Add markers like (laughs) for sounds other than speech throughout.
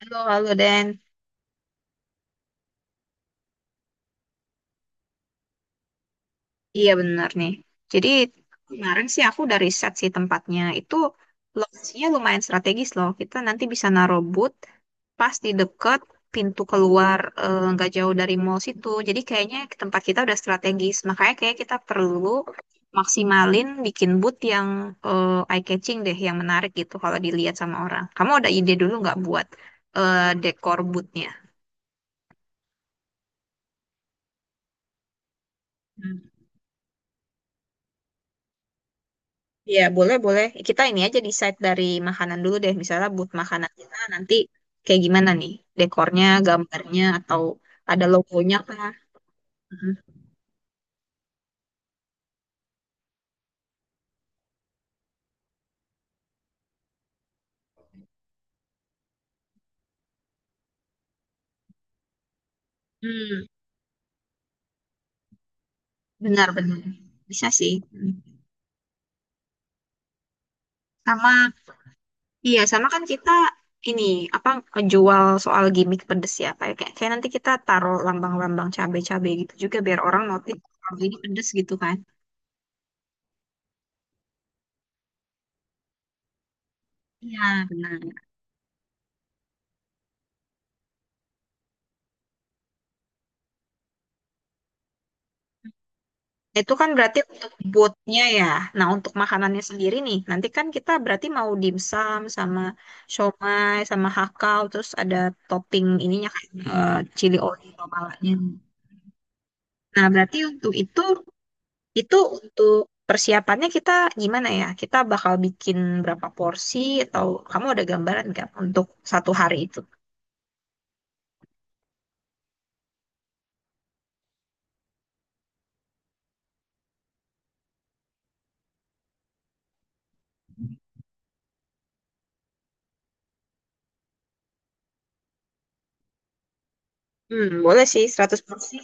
Halo, halo Dan. Iya, benar nih. Jadi kemarin sih aku udah riset sih tempatnya. Itu lokasinya lumayan strategis loh. Kita nanti bisa naruh booth pas di deket pintu keluar, nggak jauh dari mall situ. Jadi kayaknya tempat kita udah strategis. Makanya kayak kita perlu maksimalin bikin booth yang eye catching deh, yang menarik gitu kalau dilihat sama orang. Kamu ada ide dulu nggak buat dekor boothnya? Iya, boleh, boleh. Kita ini aja decide dari makanan dulu deh. Misalnya buat makanan kita nanti kayak gimana nih? Dekornya, gambarnya, atau ada logonya kah? Mhm. Hmm, benar-benar. Bisa sih. Hmm. Sama, iya, sama kan kita ini, apa, jual soal gimmick pedes ya. Kayak, kayak kayak nanti kita taruh lambang-lambang cabai-cabai gitu juga biar orang notice kalau ini pedes gitu kan. Iya, benar. Itu kan berarti untuk bootnya ya. Nah, untuk makanannya sendiri nih, nanti kan kita berarti mau dimsum sama siomay sama hakau, terus ada topping ininya kayak chili oil malanya. Nah, berarti untuk itu untuk persiapannya kita gimana ya? Kita bakal bikin berapa porsi atau kamu ada gambaran nggak untuk satu hari itu? Hmm, boleh sih, 100 porsi.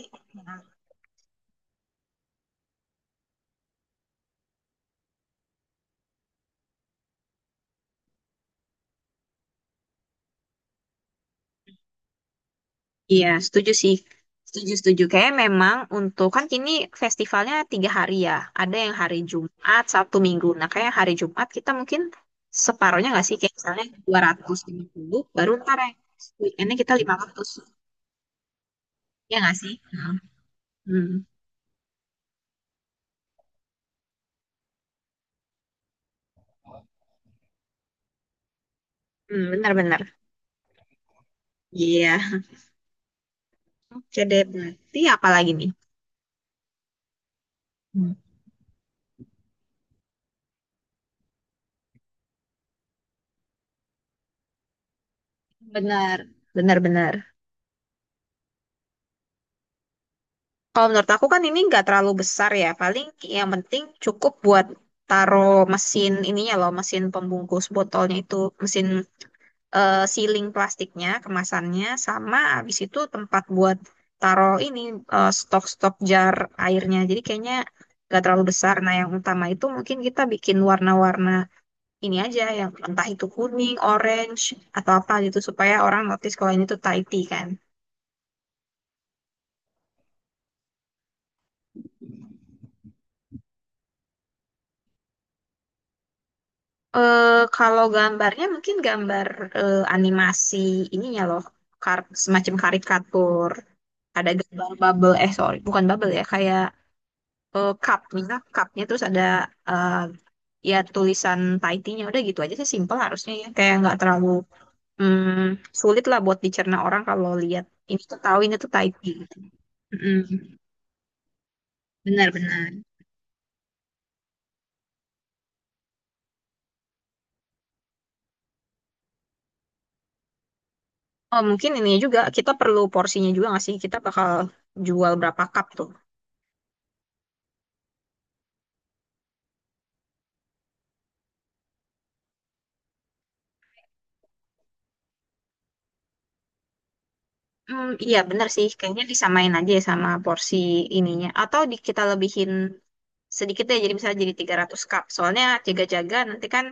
Iya, setuju sih. Setuju, setuju. Kayak memang untuk kan kini festivalnya 3 hari ya. Ada yang hari Jumat, Sabtu, Minggu. Nah, kayak hari Jumat kita mungkin separohnya nggak sih? Kayak misalnya 250, baru ntar yang weekendnya kita 500. Ya nggak sih? Hmm, hmm, benar-benar. Iya. Oke deh, berarti apa lagi nih? Hmm. Benar, benar-benar. Kalau menurut aku kan ini nggak terlalu besar ya, paling yang penting cukup buat taruh mesin ininya loh, mesin pembungkus botolnya itu, mesin sealing plastiknya, kemasannya, sama habis itu tempat buat taruh ini stok-stok jar airnya. Jadi kayaknya nggak terlalu besar. Nah, yang utama itu mungkin kita bikin warna-warna ini aja, yang entah itu kuning, orange, atau apa gitu supaya orang notice kalau ini tuh Thai tea kan. Eh, kalau gambarnya mungkin gambar animasi ininya loh, semacam karikatur. Ada gambar bubble, eh sorry, bukan bubble ya, kayak cupnya terus ada eh, ya tulisan Tahitinya, udah gitu aja sih, simple harusnya ya, kayak nggak terlalu mm, sulit lah buat dicerna orang kalau lihat ini tuh, tahu ini tuh Tahiti gitu. mm Benar-benar. Oh mungkin ini juga kita perlu porsinya juga nggak sih? Kita bakal jual berapa cup tuh? Hmm, iya bener sih, kayaknya disamain aja ya sama porsi ininya. Atau kita lebihin sedikit ya, jadi misalnya jadi 300 cup. Soalnya jaga-jaga nanti kan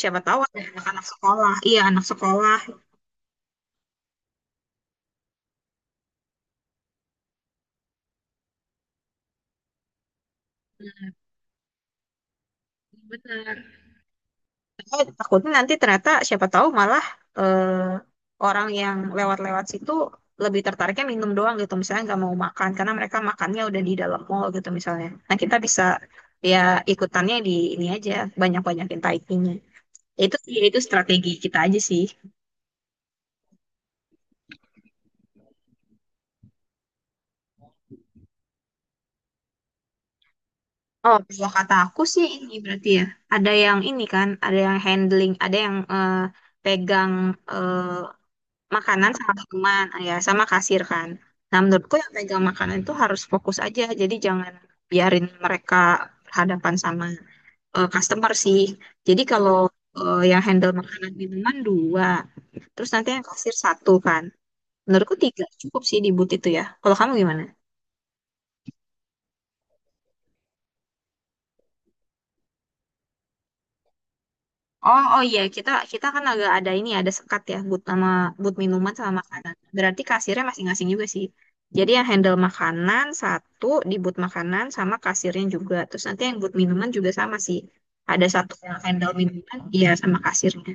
siapa tahu ada anak-anak sekolah. Iya, anak sekolah. Benar, benar. Saya takutnya nanti ternyata siapa tahu malah eh, orang yang lewat-lewat situ lebih tertariknya minum doang gitu. Misalnya nggak mau makan, karena mereka makannya udah di dalam mall gitu misalnya. Nah, kita bisa ya ikutannya di ini aja, banyak-banyakin taipingnya. Itu ya itu strategi kita aja sih. Oh, kalau kata aku sih ini berarti ya. Ada yang ini kan, ada yang handling, ada yang pegang eh, makanan sama teman, ah, ya sama kasir kan. Nah, menurutku yang pegang makanan itu harus fokus aja. Jadi jangan biarin mereka berhadapan sama customer sih. Jadi kalau yang handle makanan minuman dua, terus nanti yang kasir satu kan. Menurutku tiga cukup sih di booth itu ya. Kalau kamu gimana? Oh, oh iya, kita kita kan agak ada ini, ada sekat ya but sama but minuman sama makanan. Berarti kasirnya masing-masing juga sih. Jadi yang handle makanan satu di but makanan sama kasirnya juga. Terus nanti yang but minuman juga sama sih. Ada satu yang handle minuman, iya sama kasirnya.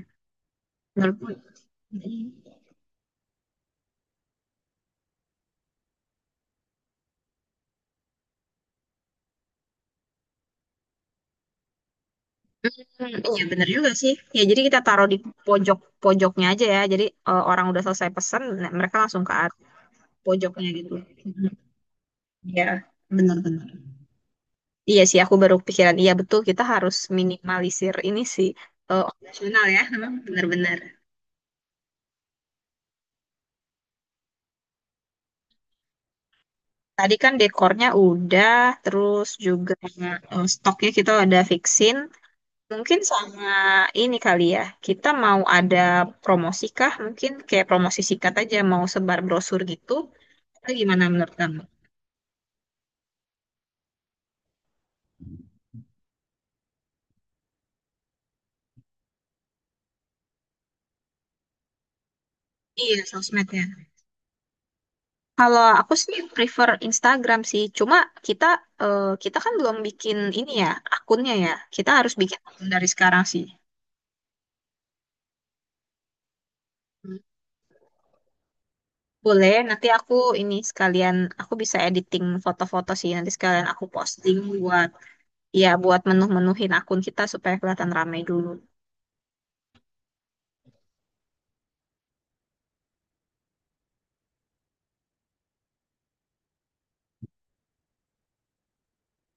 Menurutku, hmm, iya bener juga sih. Ya jadi kita taruh di pojok pojoknya aja ya. Jadi orang udah selesai pesen, nah mereka langsung ke arah pojoknya gitu. Mhm. Iya, bener-bener. Iya sih, aku baru pikiran. Iya betul, kita harus minimalisir ini sih, operasional ya, (laughs) memang benar-benar. Tadi kan dekornya udah, terus juga stoknya kita ada fixin. Mungkin sama ini kali ya, kita mau ada promosi kah? Mungkin kayak promosi sikat aja, mau sebar brosur gitu. Atau gimana menurut kamu? Iya, sosmednya. Kalau aku sih prefer Instagram sih. Cuma kita kita kan belum bikin ini ya, akunnya ya. Kita harus bikin akun dari sekarang sih. Boleh, nanti aku ini sekalian aku bisa editing foto-foto sih, nanti sekalian aku posting buat menuh-menuhin akun kita supaya kelihatan ramai dulu.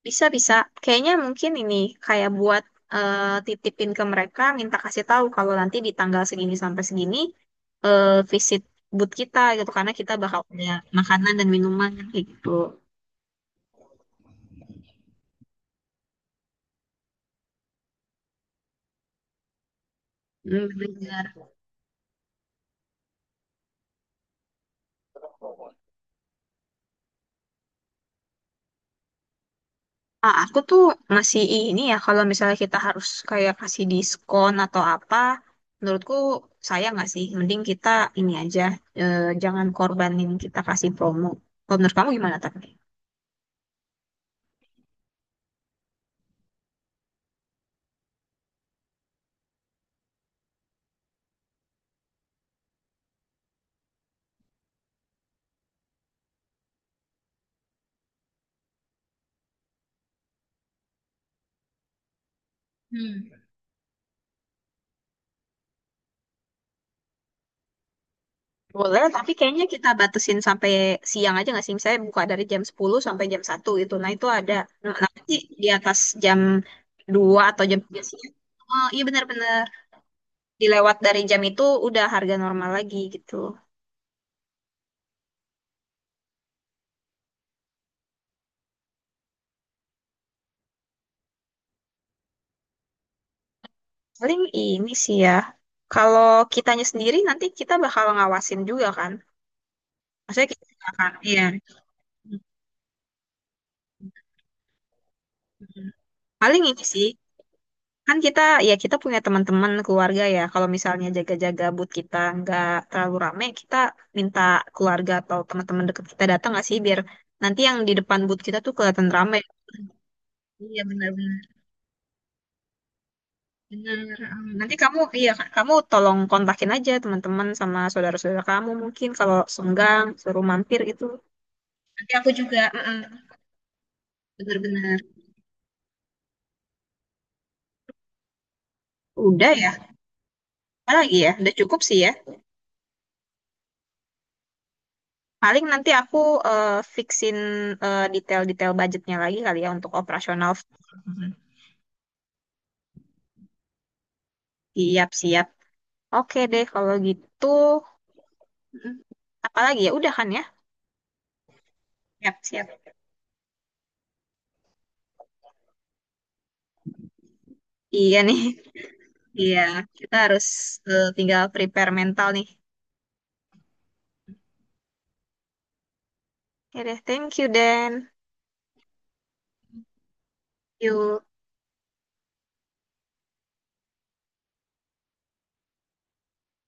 Bisa, bisa. Kayaknya mungkin ini kayak buat eh, titipin ke mereka, minta kasih tahu kalau nanti di tanggal segini sampai segini eh, visit booth kita gitu karena kita bakal punya makanan dan minuman kayak gitu. Hmm, bener. Ah, aku tuh masih ini ya, kalau misalnya kita harus kayak kasih diskon atau apa, menurutku sayang nggak sih? Mending kita ini aja, jangan korbanin kita kasih promo. Kalau menurut kamu gimana tapi? Hmm. Boleh, tapi kayaknya kita batasin sampai siang aja nggak sih? Misalnya buka dari jam 10 sampai jam 1 gitu. Nah, itu ada. Nah, nanti di atas jam 2 atau jam 3 siang. Oh, iya benar-benar. Dilewat dari jam itu udah harga normal lagi gitu. Paling ini sih ya, kalau kitanya sendiri nanti kita bakal ngawasin juga kan. Maksudnya kita juga akan, iya. Mhm. Paling ini sih, kan kita punya teman-teman keluarga ya. Kalau misalnya jaga-jaga but kita nggak terlalu rame, kita minta keluarga atau teman-teman dekat kita datang nggak sih biar nanti yang di depan but kita tuh kelihatan rame. Iya benar-benar. Benar. Benar. Nanti kamu, iya Kak, kamu tolong kontakin aja teman-teman sama saudara-saudara kamu mungkin kalau senggang suruh mampir gitu. Nanti aku juga, mm-mm, bener-bener. Udah ya, apa lagi ya? Udah cukup sih ya. Paling nanti aku eh, fixin detail-detail budgetnya lagi kali ya untuk operasional. Mm-mm. Siap-siap. Oke deh, kalau gitu. Mm-mm. Apa lagi ya? Udah kan ya? Siap-siap. Iya nih. (laughs) Iya, kita harus tinggal prepare mental nih. Oke deh, thank you Dan. Yuk.